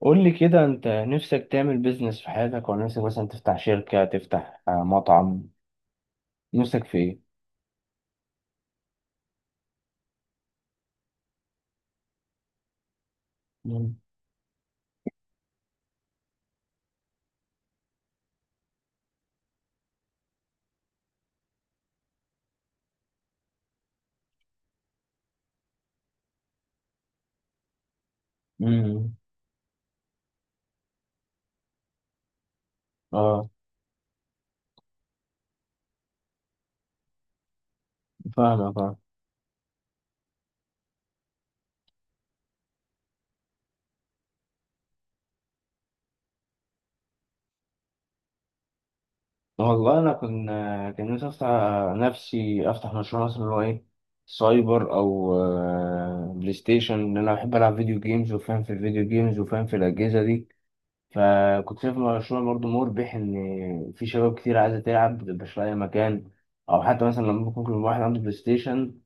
قول لي كده، انت نفسك تعمل بيزنس في حياتك، ولا نفسك مثلا تفتح شركة، تفتح مطعم؟ نفسك في ايه؟ مم. مم. اه، فاهمك، اه. والله انا كان نفسي افتح مشروع مثلا اللي هو ايه، سايبر او بلاي ستيشن، لان انا بحب العب فيديو جيمز وفاهم في الفيديو جيمز وفاهم في الاجهزة دي. فكنت شايف المشروع برضه مربح، إن في شباب كتير عايزة تلعب مبتبقاش لاقي مكان. أو حتى مثلا لما ممكن يكون واحد عنده بلاي ستيشن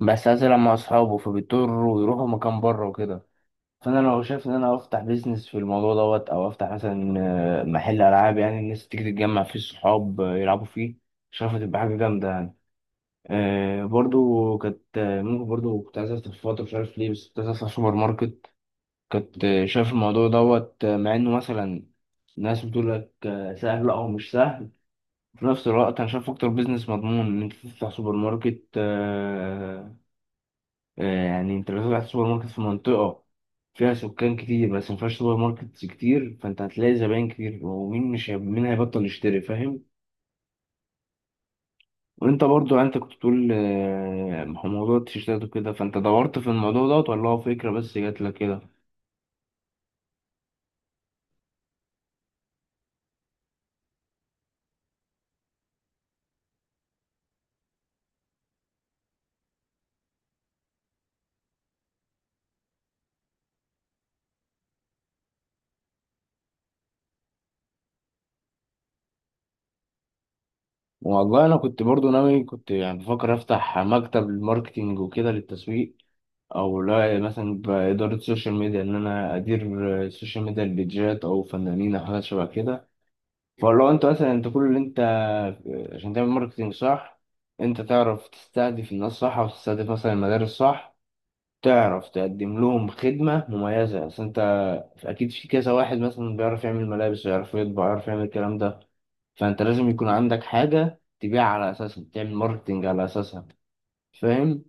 بس عايز يلعب مع أصحابه، فبيضطروا يروحوا مكان بره وكده. فأنا لو شايف إن أنا أفتح بيزنس في الموضوع دوت، أو أفتح مثلا محل ألعاب، يعني الناس تيجي تتجمع فيه الصحاب يلعبوا فيه، شايفها تبقى حاجة جامدة يعني. برضو كانت آه، ممكن برضو كنت عايز أفتح في فترة، مش عارف ليه، بس كنت عايز أفتح سوبر ماركت. كنت شايف الموضوع دوت، مع انه مثلا ناس بتقول لك سهل، لا، هو مش سهل. في نفس الوقت انا شايف اكتر بيزنس مضمون ان انت تفتح سوبر ماركت. يعني انت لو فتحت سوبر ماركت في منطقة فيها سكان كتير بس ما فيهاش سوبر ماركت كتير، فانت هتلاقي زباين كتير، ومين مش مين هيبطل يشتري، فاهم؟ وانت برضو يعني انت كنت بتقول موضوع التيشيرتات وكده، فانت دورت في الموضوع دوت ولا هو فكرة بس جات لك كده؟ والله انا كنت برضو ناوي، كنت يعني بفكر افتح مكتب ماركتينج وكده للتسويق، او لا مثلا باداره السوشيال ميديا، ان انا ادير السوشيال ميديا، البيجات او فنانين او حاجات شبه كده. فلو انت مثلا انت كل اللي انت، عشان تعمل ماركتينج صح، انت تعرف تستهدف الناس صح، او تستهدف مثلا المدارس صح، تعرف تقدم لهم خدمه مميزه. اصل انت اكيد في كذا واحد مثلا بيعرف يعمل ملابس ويعرف يطبع ويعرف يعمل الكلام ده، فانت لازم يكون عندك حاجة تبيع على اساسها، تعمل ماركتنج على اساسها، فاهم؟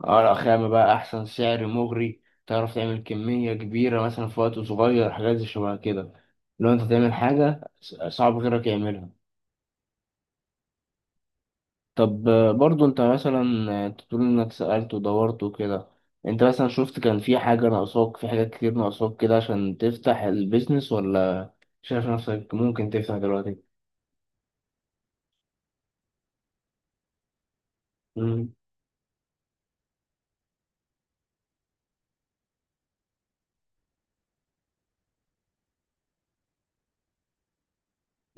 ورق خامة بقى، احسن سعر مغري، تعرف تعمل كمية كبيرة مثلا في وقت صغير، حاجات زي شبه كده. لو انت تعمل حاجة صعب غيرك يعملها. طب، برضو انت مثلا تقول انك سألت ودورت وكده، انت مثلا شفت كان في حاجة ناقصاك، في حاجات كتير ناقصاك كده عشان تفتح البيزنس، ولا شايف نفسك ممكن تفتح دلوقتي؟ امم.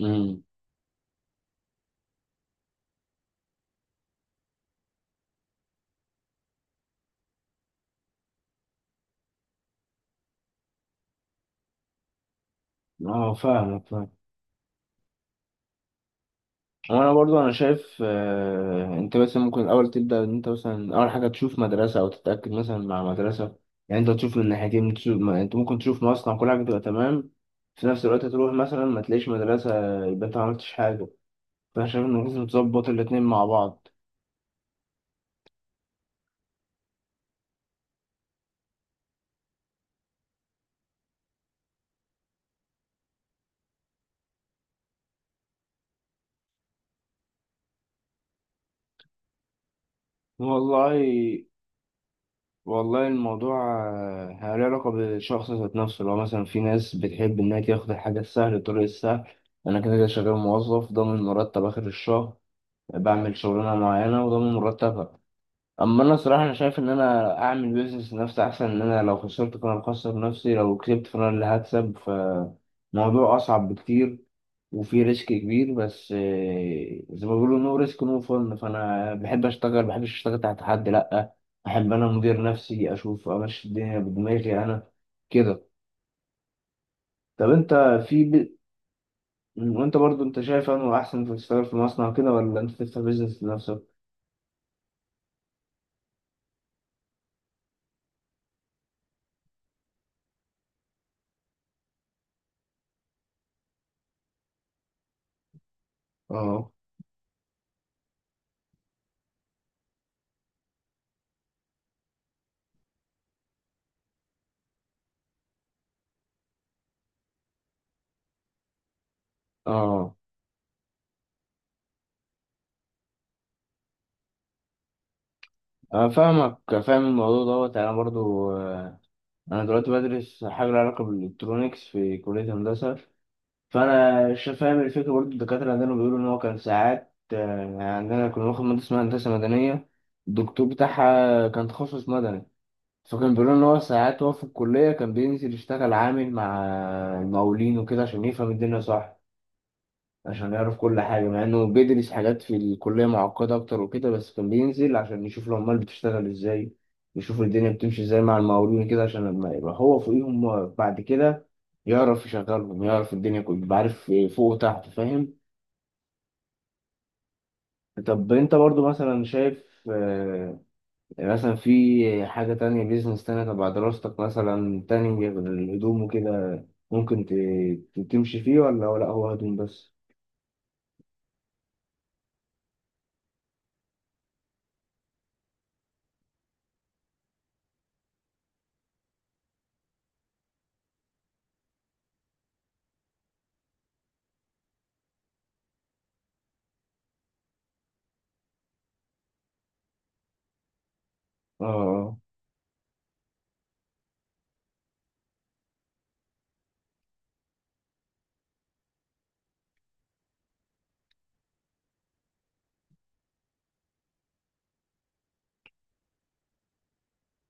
امم. اه، فاهمك، فاهمك. وانا برضو انا شايف انت مثلا ممكن الاول تبدا، ان انت مثلا اول حاجه تشوف مدرسه، او تتاكد مثلا مع مدرسه. يعني انت تشوف من ناحيتين، تشوف انت ممكن تشوف مصنع كل حاجه تبقى تمام. في نفس الوقت تروح مثلا ما تلاقيش مدرسه، يبقى انت ما عملتش حاجه. فانا شايف انك لازم تظبط الاتنين مع بعض. والله والله، الموضوع له علاقه بالشخص ذات نفسه. لو مثلا في ناس بتحب انها تاخد الحاجه السهله، الطريق السهل، انا كده كده شغال موظف ضامن مرتب اخر الشهر، بعمل شغلانه معينه وضامن مرتبها. اما انا صراحه انا شايف ان انا اعمل بيزنس لنفسي احسن، ان انا لو خسرت فانا بخسر نفسي، لو كسبت فانا اللي هكسب، فموضوع اصعب بكتير وفي ريسك كبير، بس زي ما بيقولوا نو ريسك نو فن، فانا بحب اشتغل، بحبش اشتغل تحت حد، لا. احب انا مدير نفسي، اشوف امشي الدنيا بدماغي انا، كده. طب انت في ب... وانت برضو انت شايف انه احسن في تشتغل في مصنع كده، ولا انت تفتح بيزنس لنفسك؟ اه، اه. أنا فاهمك، فاهم الموضوع دوت. أنا برضو أنا دلوقتي بدرس حاجة لها علاقة بالإلكترونيكس في كلية هندسة. فأنا فاهم الفكرة. برضو الدكاترة عندنا بيقولوا إن هو كان ساعات يعني عندنا كنا بناخد مادة اسمها هندسة مدنية، الدكتور بتاعها كان تخصص مدني. فكان بيقولوا إن هو ساعات هو في الكلية كان بينزل يشتغل عامل مع المقاولين وكده، عشان يفهم الدنيا صح، عشان يعرف كل حاجة، مع إنه بيدرس حاجات في الكلية معقدة أكتر وكده، بس كان بينزل عشان يشوف العمال بتشتغل إزاي، يشوف الدنيا بتمشي إزاي مع المقاولين كده، عشان لما يبقى هو فوقيهم بعد كده يعرف يشغلهم، يعرف الدنيا كلها، يبقى عارف فوق وتحت، فاهم؟ طب أنت برضو مثلا شايف آه، مثلا في حاجة تانية، بيزنس تانية تبع دراستك مثلا تاني، غير الهدوم وكده، ممكن تمشي فيه، ولا هو هدوم بس؟ اه،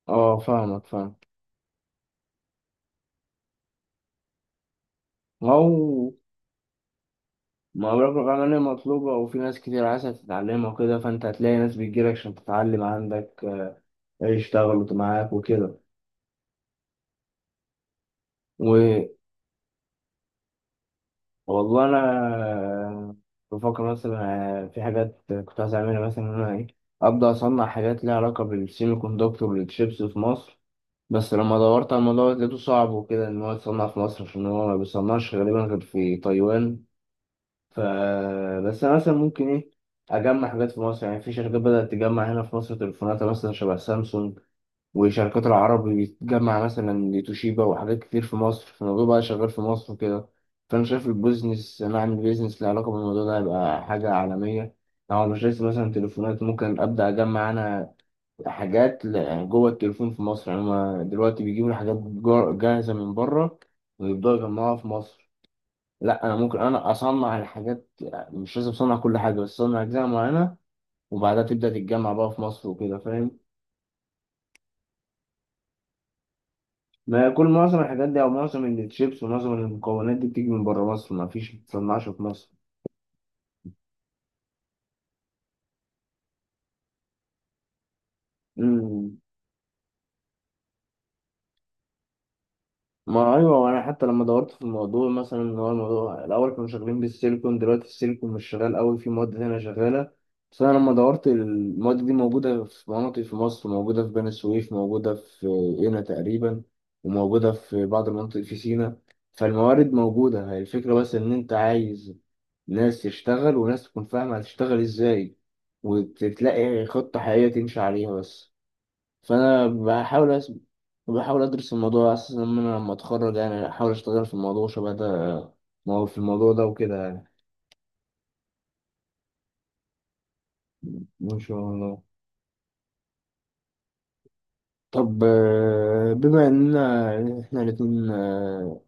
اه، فاهمك، فاهمك. ما هو ما هو برضه العملية مطلوبة، وفي ناس كتير عايزة تتعلمها وكده، فأنت هتلاقي ناس بتجيلك عشان تتعلم عندك، يشتغلوا معاك وكده. و- والله أنا بفكر مثلا في حاجات كنت عايز أعملها، مثلا إن أنا إيه، أبدأ أصنع حاجات ليها علاقة بالسيمي كوندكتور والتشيبس في مصر. بس لما دورت على الموضوع لقيته صعب وكده، إن هو يتصنع في مصر، عشان هو ما بيصنعش غالبا غير في تايوان. ف بس انا مثلا ممكن ايه، اجمع حاجات في مصر. يعني في شركات بدأت تجمع هنا في مصر تليفوناتها، مثلا شبه سامسونج، وشركات العرب بتجمع مثلا توشيبا وحاجات كتير في مصر، فالموضوع بقى شغال في مصر وكده. فانا شايف البيزنس، انا اعمل بيزنس له علاقه بالموضوع ده هيبقى حاجه عالميه. لو مش لسه مثلا تليفونات، ممكن ابدا اجمع انا حاجات، يعني جوه التليفون في مصر، يعني هما دلوقتي بيجيبوا الحاجات جاهزه من بره، ويبداوا يجمعوها في مصر. لا، انا ممكن انا اصنع الحاجات، مش لازم اصنع كل حاجه بس اصنع اجزاء معينه، وبعدها تبدا تتجمع بقى في مصر وكده، فاهم؟ ما هي، معظم الحاجات دي او معظم الشيبس ومعظم المكونات دي بتيجي من بره مصر، ما فيش، ما بتصنعش في مصر. مم. ما ايوه، وانا حتى لما دورت في الموضوع مثلا، ان هو الموضوع الاول كانوا شغالين بالسيليكون، دلوقتي السيليكون مش شغال قوي، في مواد تانية شغاله. بس انا لما دورت المواد دي موجوده في مناطق في مصر، موجوده في بني سويف، موجوده في قنا تقريبا، وموجوده في بعض المناطق في سيناء. فالموارد موجوده، هي الفكره بس ان انت عايز ناس تشتغل، وناس تكون فاهمه هتشتغل ازاي، وتلاقي خطه حقيقيه تمشي عليها بس. فانا بحاول بحاول ادرس الموضوع على اساس، ان انا لما اتخرج يعني احاول اشتغل في الموضوع شبه ده، ما هو في الموضوع ده وكده يعني. ان شاء الله. طب، بما اننا احنا الاتنين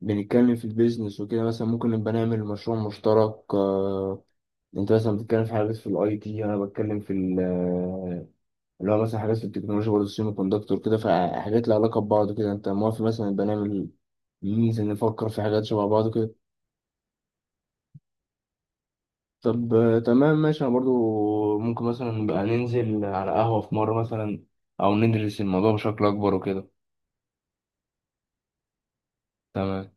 بنتكلم في البيزنس وكده، مثلا ممكن نبقى نعمل مشروع مشترك. انت مثلا بتتكلم في حاجات في الاي تي، انا بتكلم في اللي هو مثلا حاجات في التكنولوجيا، برضه السيمي كوندكتور كده، فحاجات لها علاقة ببعض كده، انت موافق مثلا نبقى نعمل ميزة، نفكر في حاجات شبه بعض كده؟ طب، تمام ماشي، انا برضو ممكن مثلا بقى ننزل على قهوة في مرة مثلا، او ندرس الموضوع بشكل اكبر وكده، تمام.